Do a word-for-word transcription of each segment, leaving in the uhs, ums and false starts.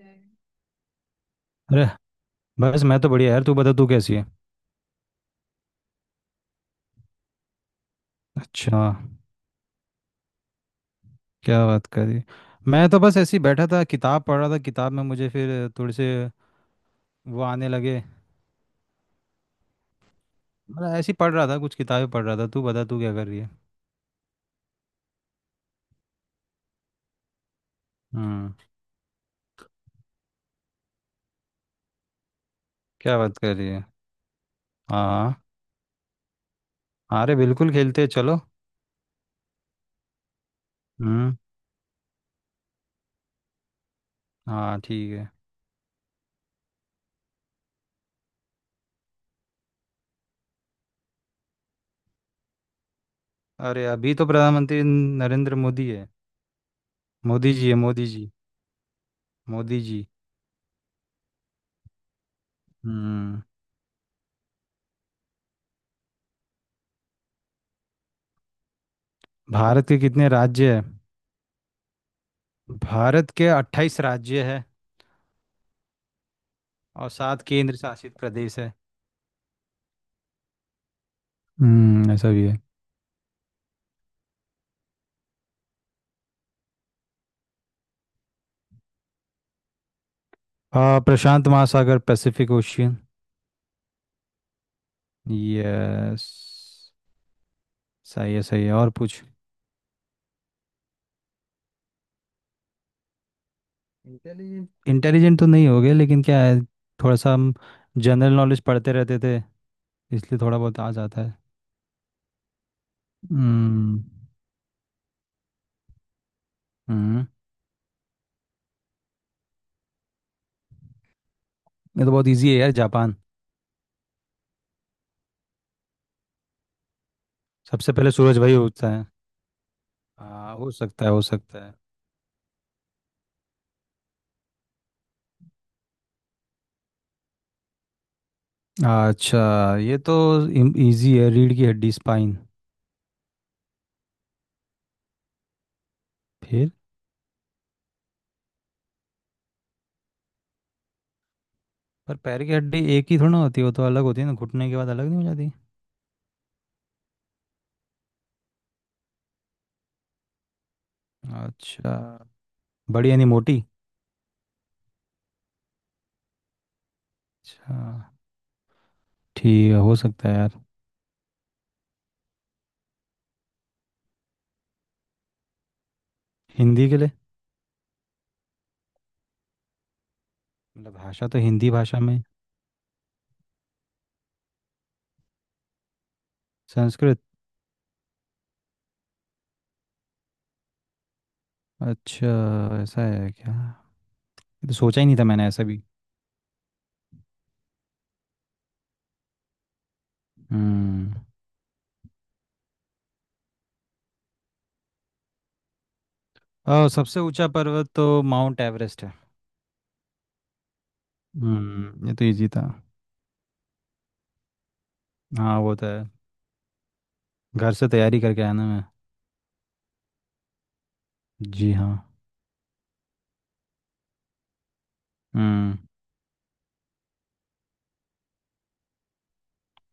अरे। बस मैं तो बढ़िया यार। तू बता, तू कैसी है। अच्छा, क्या बात करी। मैं तो बस ऐसे ही बैठा था, किताब पढ़ रहा था, किताब में मुझे फिर थोड़े से वो आने लगे। मतलब ऐसे ही पढ़ रहा था, कुछ किताबें पढ़ रहा था। तू बता तू क्या कर रही है। हम्म। क्या बात कर रही है। हाँ। हाँ, अरे बिल्कुल खेलते हैं, चलो। हम्म। हाँ, ठीक है। अरे, अभी तो प्रधानमंत्री नरेंद्र मोदी है। मोदी जी है, मोदी जी। मोदी जी। हम्म। भारत के कितने राज्य है। भारत के अट्ठाईस राज्य है और सात केंद्र शासित प्रदेश है। हम्म, ऐसा भी है। आ, Prashant Mahasagar, Pacific Ocean. Yes. सही है, सही है, और पूछ। इंटेलिजेंट तो नहीं हो गए, लेकिन क्या है, थोड़ा सा हम जनरल नॉलेज पढ़ते रहते थे, इसलिए थोड़ा बहुत आ जाता है। हम्म। हम्म, ये तो बहुत इजी है यार, जापान। सबसे पहले सूरज भाई उगता है। आ, हो सकता है, हो सकता है। अच्छा, ये तो इजी है, रीढ़ की हड्डी, स्पाइन। फिर, पर पैर की हड्डी एक ही थोड़ी ना होती है, वो तो अलग होती है ना, घुटने के बाद अलग नहीं हो जाती। अच्छा, बड़ी यानी मोटी। अच्छा, ठीक है, हो सकता है यार। हिंदी के लिए। मतलब भाषा तो हिंदी भाषा में। संस्कृत। अच्छा, ऐसा है क्या। ये तो सोचा ही नहीं था मैंने, ऐसा भी। हम्म, और सबसे ऊंचा पर्वत तो माउंट एवरेस्ट है। हम्म, ये तो इजी था। हाँ, वो तो है, घर से तैयारी करके आया ना मैं। जी हाँ। हम्म।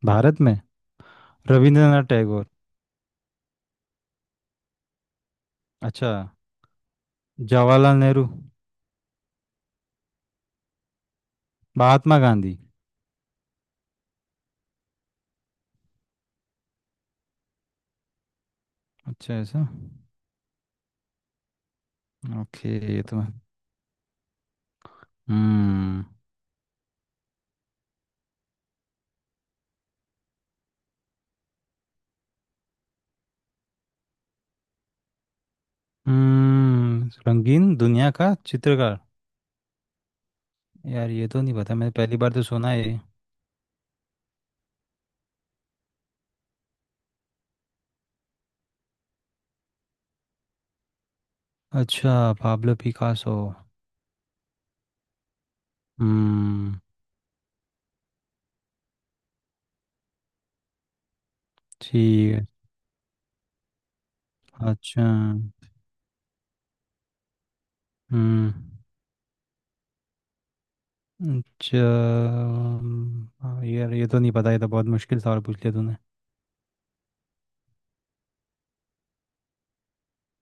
भारत में रविंद्रनाथ टैगोर। अच्छा, जवाहरलाल नेहरू। महात्मा गांधी। अच्छा, ऐसा। ओके। ये तो मैं। हम्म। हम्म, रंगीन दुनिया का चित्रकार। यार, ये तो नहीं पता, मैंने पहली बार तो सुना है ये। अच्छा, पाब्लो पिकासो। हम्म। ठीक है। अच्छा। हम्म। अच्छा। हाँ, यार ये तो नहीं पता, ये तो बहुत मुश्किल सवाल पूछ लिया तूने।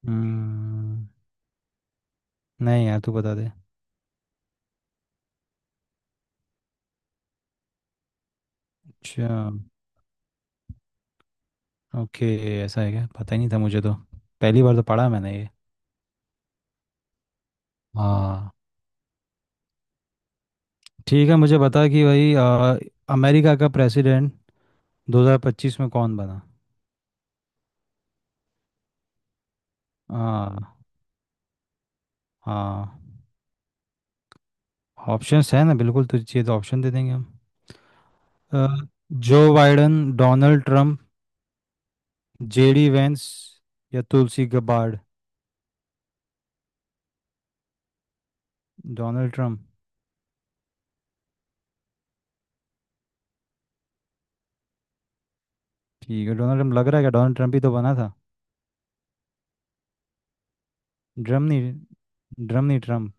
हम्म। नहीं यार, तू बता दे। अच्छा। ओके, ऐसा है क्या, पता ही नहीं था मुझे तो, पहली बार तो पढ़ा मैंने ये। हाँ। ठीक है, मुझे बता कि भाई, अ, अमेरिका का प्रेसिडेंट दो हज़ार पच्चीस में कौन बना। हाँ। हाँ, ऑप्शंस है ना, बिल्कुल, तुझे चाहिए तो ऑप्शन दे देंगे हम। अ, Joe Biden, Donald Trump, JD Vance, या तुलसी गबार्ड। Donald Trump. ठीक है, डोनाल्ड ट्रम्प लग रहा है, क्या डोनाल्ड ट्रम्प ही तो बना था। ड्रम नहीं। ड्रम नहीं, ट्रम्प।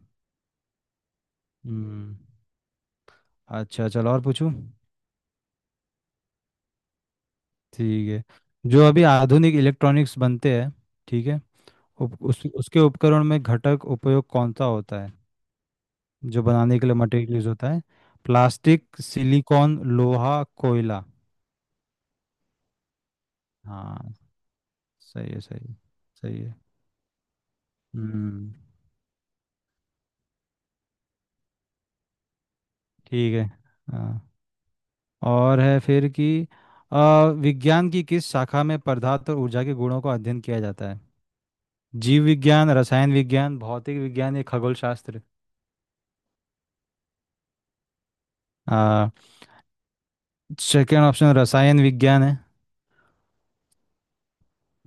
हम्म। अच्छा चलो, और पूछूं। ठीक है, जो अभी आधुनिक इलेक्ट्रॉनिक्स बनते हैं, ठीक है, उप, उस, उसके उपकरण में घटक उपयोग कौन सा होता है, जो बनाने के लिए मटेरियल यूज होता है। प्लास्टिक, सिलिकॉन, लोहा, कोयला। हाँ। सही है, सही है, सही है। हम्म। ठीक है। हाँ, और है फिर कि अ, विज्ञान की किस शाखा में पदार्थ और ऊर्जा के गुणों का अध्ययन किया जाता है। जीव विज्ञान, रसायन विज्ञान, भौतिक विज्ञान, या खगोल शास्त्र। सेकेंड ऑप्शन रसायन विज्ञान है।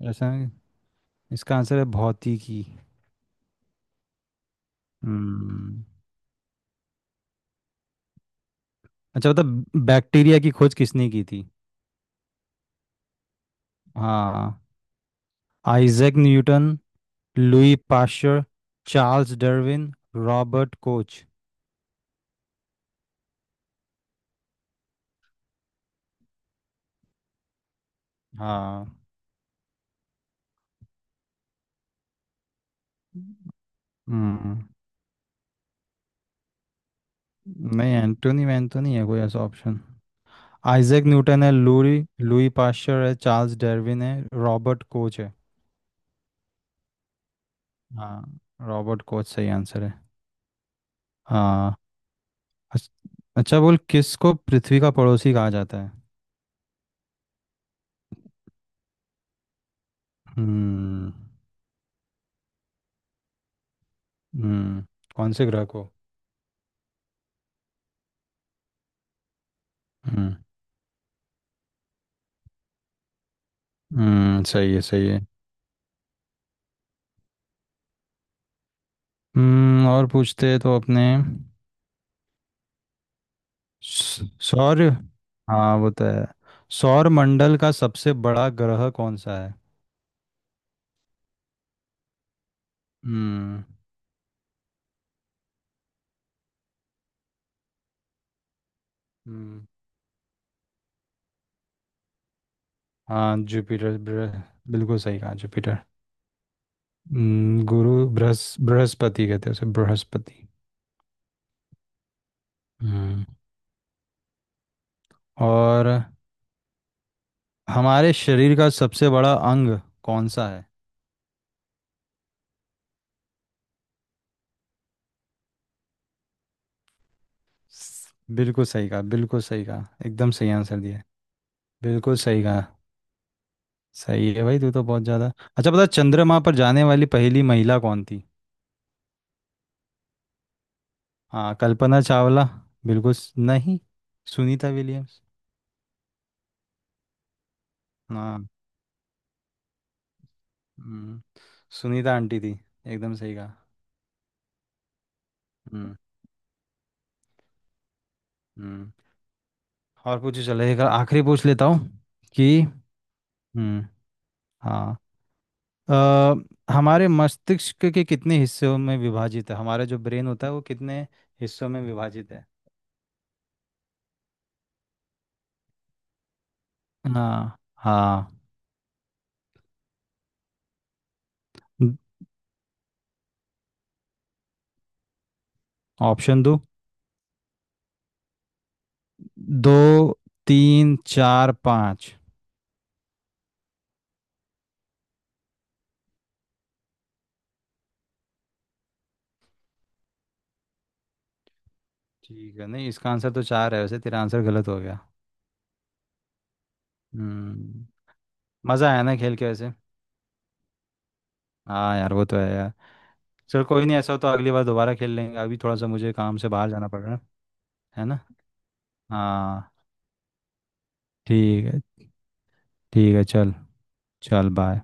रसायन। इसका आंसर है भौतिकी। हम्म। अच्छा बता, बैक्टीरिया की खोज किसने की थी। हाँ। Isaac Newton, Louis Pasteur, Charles Darwin, Robert Koch. हाँ। हम्म। नहीं, एंटोनी वैन तो नहीं है कोई ऐसा ऑप्शन। आइजैक न्यूटन है, लुई लुई पाश्चर है, चार्ल्स डार्विन है, रॉबर्ट कोच है। हाँ, रॉबर्ट कोच सही आंसर है। हाँ। अच्छ- अच्छा बोल, किसको पृथ्वी का पड़ोसी कहा जाता है। हम्म। हम्म, कौन से ग्रह को। हम्म। हम्म, सही है, सही है। हम्म, और पूछते हैं तो अपने स- सौर। हाँ, वो तो है। सौर मंडल का सबसे बड़ा ग्रह कौन सा है। हम्म। हम्म, हाँ जुपिटर, बृह- बिल्कुल सही कहा, जुपिटर। हम्म, गुरु, बृहस बृहस्पति कहते हैं उसे, बृहस्पति। हम्म। और हमारे शरीर का सबसे बड़ा अंग कौन सा है। स- बिल्कुल सही कहा, बिल्कुल सही कहा, एकदम सही आंसर दिया। बिल्कुल सही कहा। सही है भाई, तू तो बहुत ज़्यादा। अच्छा, पता है, चंद्रमा पर जाने वाली पहली महिला कौन थी। हाँ, कल्पना चावला। बिल्कुल स- नहीं, सुनीता विलियम्स। हाँ। हम्म, सुनीता आंटी थी, एकदम सही कहा। हम्म। हम्म, और पूछो, चलो एक आखिरी पूछ लेता हूँ कि। हम्म। हाँ। अ, हमारे मस्तिष्क के कितने हिस्सों में विभाजित है, हमारा जो ब्रेन होता है वो कितने हिस्सों में विभाजित है। हाँ। हाँ। ऑप्शन दो, दो, तीन, चार, पाँच। ठीक है, नहीं इसका आंसर तो चार है, वैसे तेरा आंसर गलत हो गया। हम्म। मज़ा आया ना खेल के वैसे। हाँ यार, वो तो है यार। चल कोई नहीं, ऐसा हो तो अगली बार दोबारा खेल लेंगे, अभी थोड़ा सा मुझे काम से बाहर जाना पड़ रहा है। है ना। हाँ। ठीक है। ठीक है चल। चल बाय।